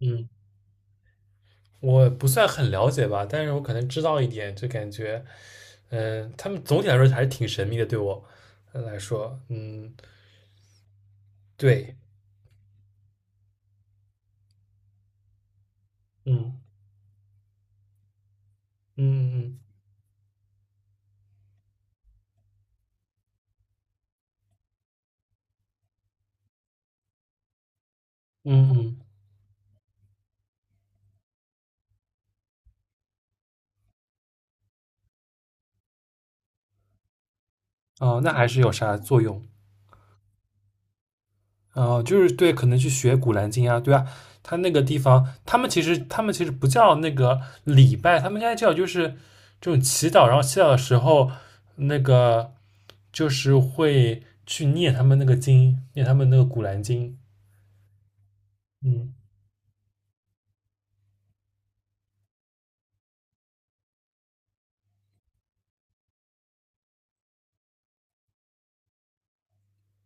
嗯，我不算很了解吧，但是我可能知道一点，就感觉，他们总体来说还是挺神秘的，对我来说，嗯，对，嗯嗯嗯嗯嗯，哦，那还是有啥作用？哦，就是对，可能去学《古兰经》啊，对啊，他那个地方，他们其实不叫那个礼拜，他们应该叫就是这种祈祷，然后祈祷的时候，那个就是会去念他们那个经，念他们那个《古兰经》，嗯。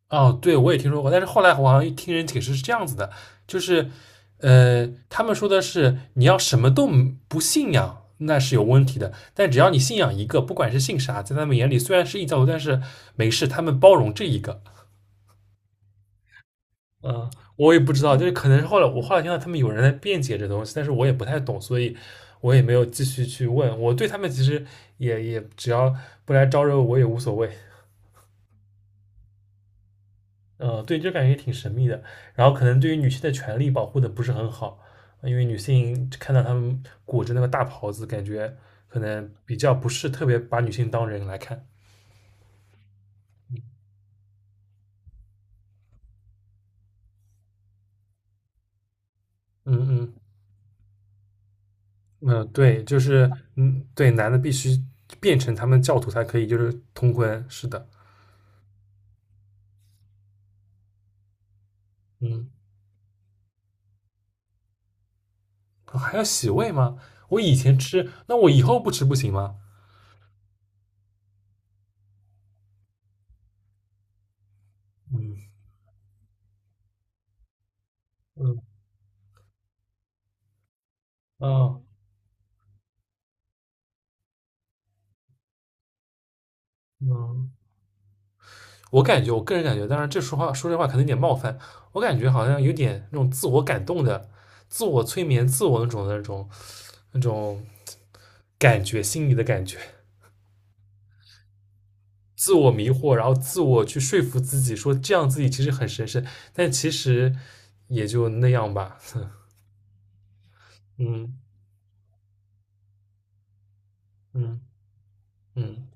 哦，对，我也听说过，但是后来我好像听人解释是这样子的，就是，他们说的是你要什么都不信仰，那是有问题的，但只要你信仰一个，不管是信啥，在他们眼里虽然是异教徒，但是没事，他们包容这一个。嗯，我也不知道，就是可能是后来我听到他们有人在辩解这东西，但是我也不太懂，所以我也没有继续去问。我对他们其实也只要不来招惹我也无所谓。对，就感觉挺神秘的。然后可能对于女性的权利保护的不是很好，因为女性看到他们裹着那个大袍子，感觉可能比较不是特别把女性当人来看。嗯嗯嗯，对，就是对，男的必须变成他们教徒才可以，就是通婚。是的，嗯，哦还要洗胃吗？我以前吃，那我以后不吃不行吗？嗯嗯哦嗯。我感觉，我个人感觉，当然这说话说这话可能有点冒犯，我感觉好像有点那种自我感动的、自我催眠、自我那种感觉，心里的感觉，自我迷惑，然后自我去说服自己，说这样自己其实很神圣，但其实也就那样吧。嗯嗯嗯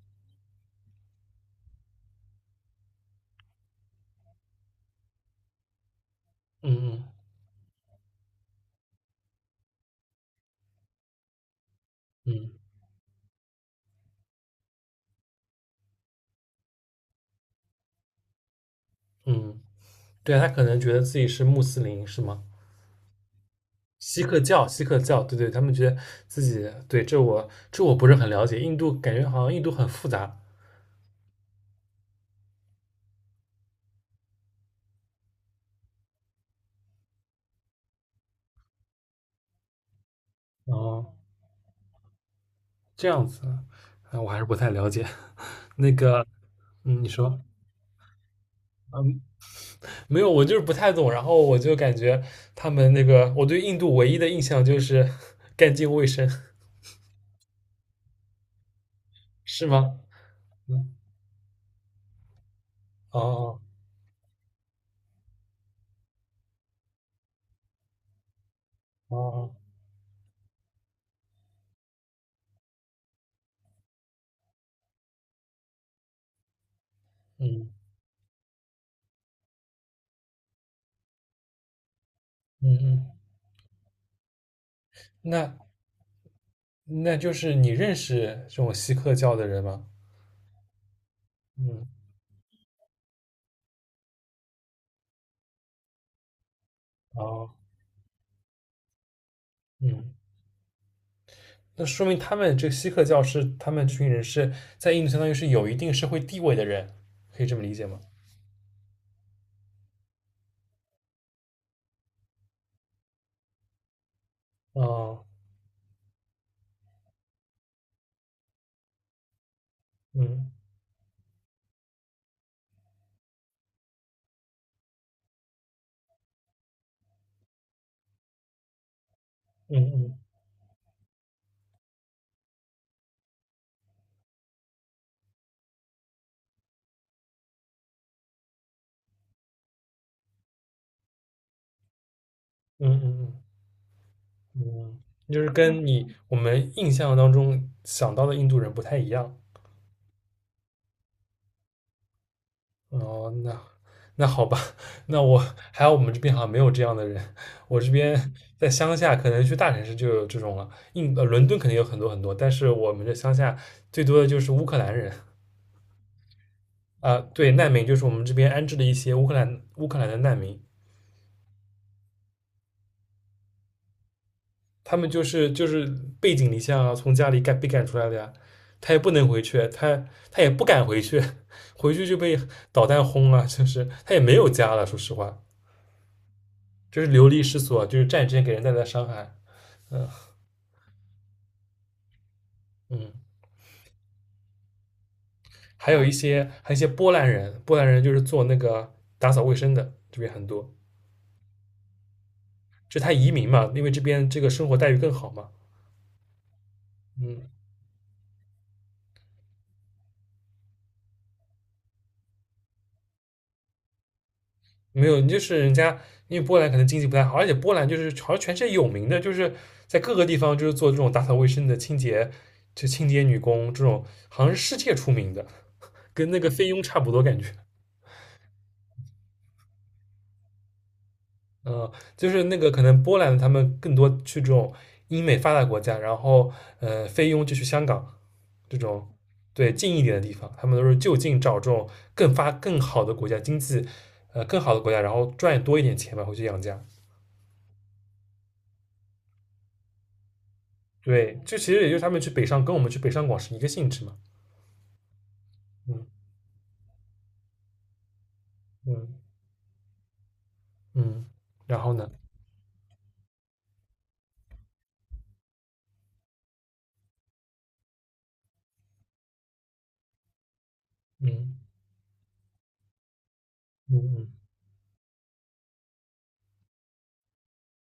嗯嗯嗯嗯，对啊他可能觉得自己是穆斯林，是吗？锡克教，锡克教，对对，他们觉得自己对这我不是很了解，印度感觉好像印度很复杂哦，这样子，啊，我还是不太了解。那个，嗯，你说没有，我就是不太懂，然后我就感觉他们那个，我对印度唯一的印象就是 干净卫生，是吗？嗯，哦哦，嗯嗯嗯，那那就是你认识这种锡克教的人吗？嗯，哦，嗯。那说明他们这个锡克教是他们这群人是在印度相当于是有一定社会地位的人，可以这么理解吗？哦，嗯嗯嗯嗯嗯嗯嗯，就是跟我们印象当中想到的印度人不太一样。哦，那好吧，那我还有我们这边好像没有这样的人，我这边在乡下，可能去大城市就有这种了。伦敦肯定有很多很多，但是我们这乡下最多的就是乌克兰人。啊，对，难民就是我们这边安置的一些乌克兰的难民，他们就是背井离乡啊，从家里赶被赶出来的呀，他也不能回去，他也不敢回去，回去就被导弹轰了，就是他也没有家了，说实话，就是流离失所，就是战争给人带来的伤害，嗯，还有一些波兰人，波兰人就是做那个打扫卫生的，这边很多，就他移民嘛，因为这边这个生活待遇更好嘛，嗯，没有，就是人家因为波兰可能经济不太好，而且波兰就是好像全世界有名的，就是在各个地方就是做这种打扫卫生的清洁，就清洁女工这种，好像是世界出名的，跟那个菲佣差不多感觉。嗯，就是那个可能波兰他们更多去这种英美发达国家，然后菲佣就去香港这种对近一点的地方，他们都是就近找这种更好的国家经济更好的国家，然后赚多一点钱吧，回去养家。对，这其实也就是他们去北上跟我们去北上广是一个性质嘛。嗯嗯嗯，然后呢？嗯嗯嗯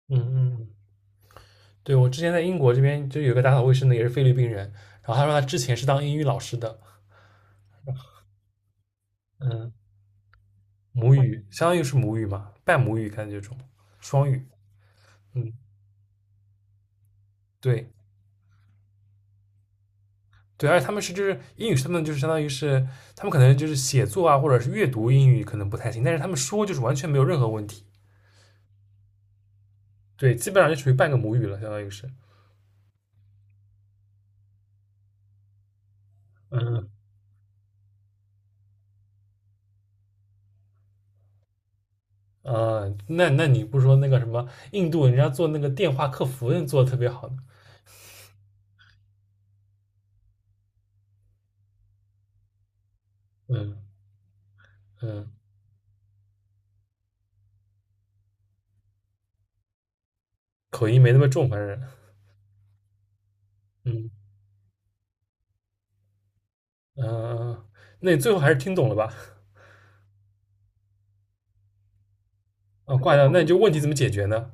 嗯嗯嗯，对，我之前在英国这边就有一个打扫卫生的也是菲律宾人，然后他说他之前是当英语老师的，嗯，母语相当于是母语嘛，半母语感觉这种双语，嗯，对对，而且他们是就是英语是他们就是相当于是他们可能就是写作啊或者是阅读英语可能不太行，但是他们说就是完全没有任何问题，对，基本上就属于半个母语了，相当于是，嗯啊，那你不说那个什么印度人家做那个电话客服人做的特别好呢嗯嗯，口音没那么重，反正嗯嗯，那你最后还是听懂了吧？啊，挂掉，那你就问题怎么解决呢？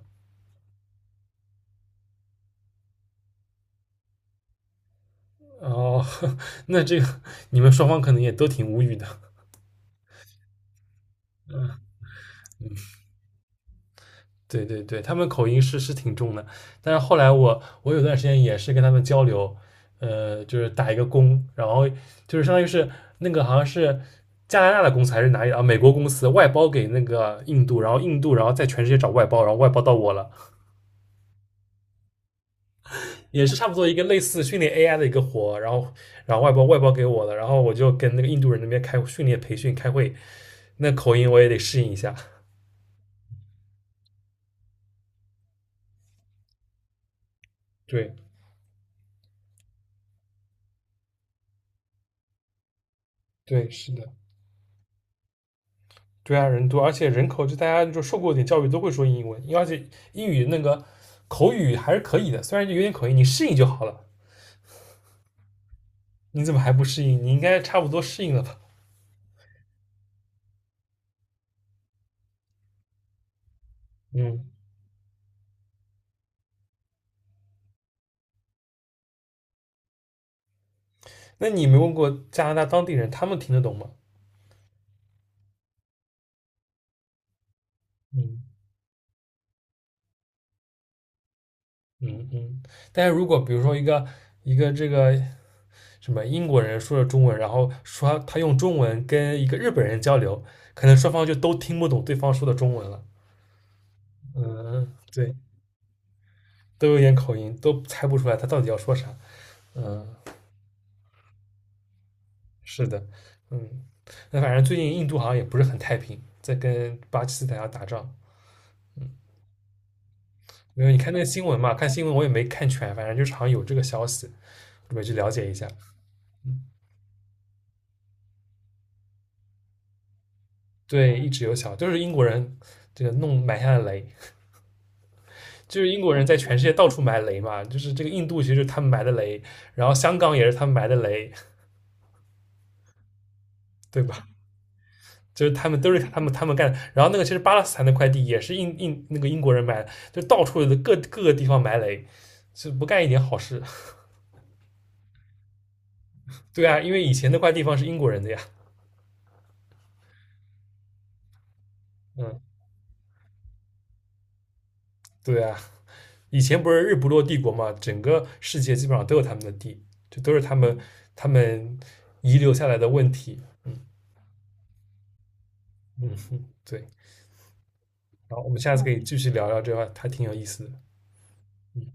哦，那这个你们双方可能也都挺无语的。对对对，他们口音是挺重的，但是后来我有段时间也是跟他们交流，就是打一个工，然后就是相当于是那个好像是加拿大的公司还是哪里啊，美国公司外包给那个印度，然后印度然后在全世界找外包，然后外包到我了，也是差不多一个类似训练 AI 的一个活，然后外包给我了，然后我就跟那个印度人那边开训练培训开会，那口音我也得适应一下。对对，是的。对啊，人多，而且人口就大家就受过点教育都会说英文，因为而且英语那个口语还是可以的，虽然就有点口音，你适应就好了。你怎么还不适应？你应该差不多适应了吧？嗯，那你没问过加拿大当地人，他们听得懂吗？嗯嗯嗯。但是如果比如说一个这个什么英国人说了中文，然后说他用中文跟一个日本人交流，可能双方就都听不懂对方说的中文了。嗯，对，都有点口音，都猜不出来他到底要说啥。嗯。是的，嗯，那反正最近印度好像也不是很太平，在跟巴基斯坦要打仗。因为你看那个新闻嘛？看新闻我也没看全，反正就是好像有这个消息，准备去了解一下。嗯对，一直有小，就是英国人这个弄埋下的雷，就是英国人在全世界到处埋雷嘛，就是这个印度其实就是他们埋的雷，然后香港也是他们埋的雷，对吧？就是他们都是他们干的，然后那个其实巴勒斯坦那块地也是印那个英国人埋的，就到处的各个地方埋雷，就不干一点好事。对啊，因为以前那块地方是英国人的呀。嗯，对啊，以前不是日不落帝国嘛，整个世界基本上都有他们的地，这都是他们遗留下来的问题。嗯嗯，嗯对。然后我们下次可以继续聊聊这块，还挺有意思的。嗯。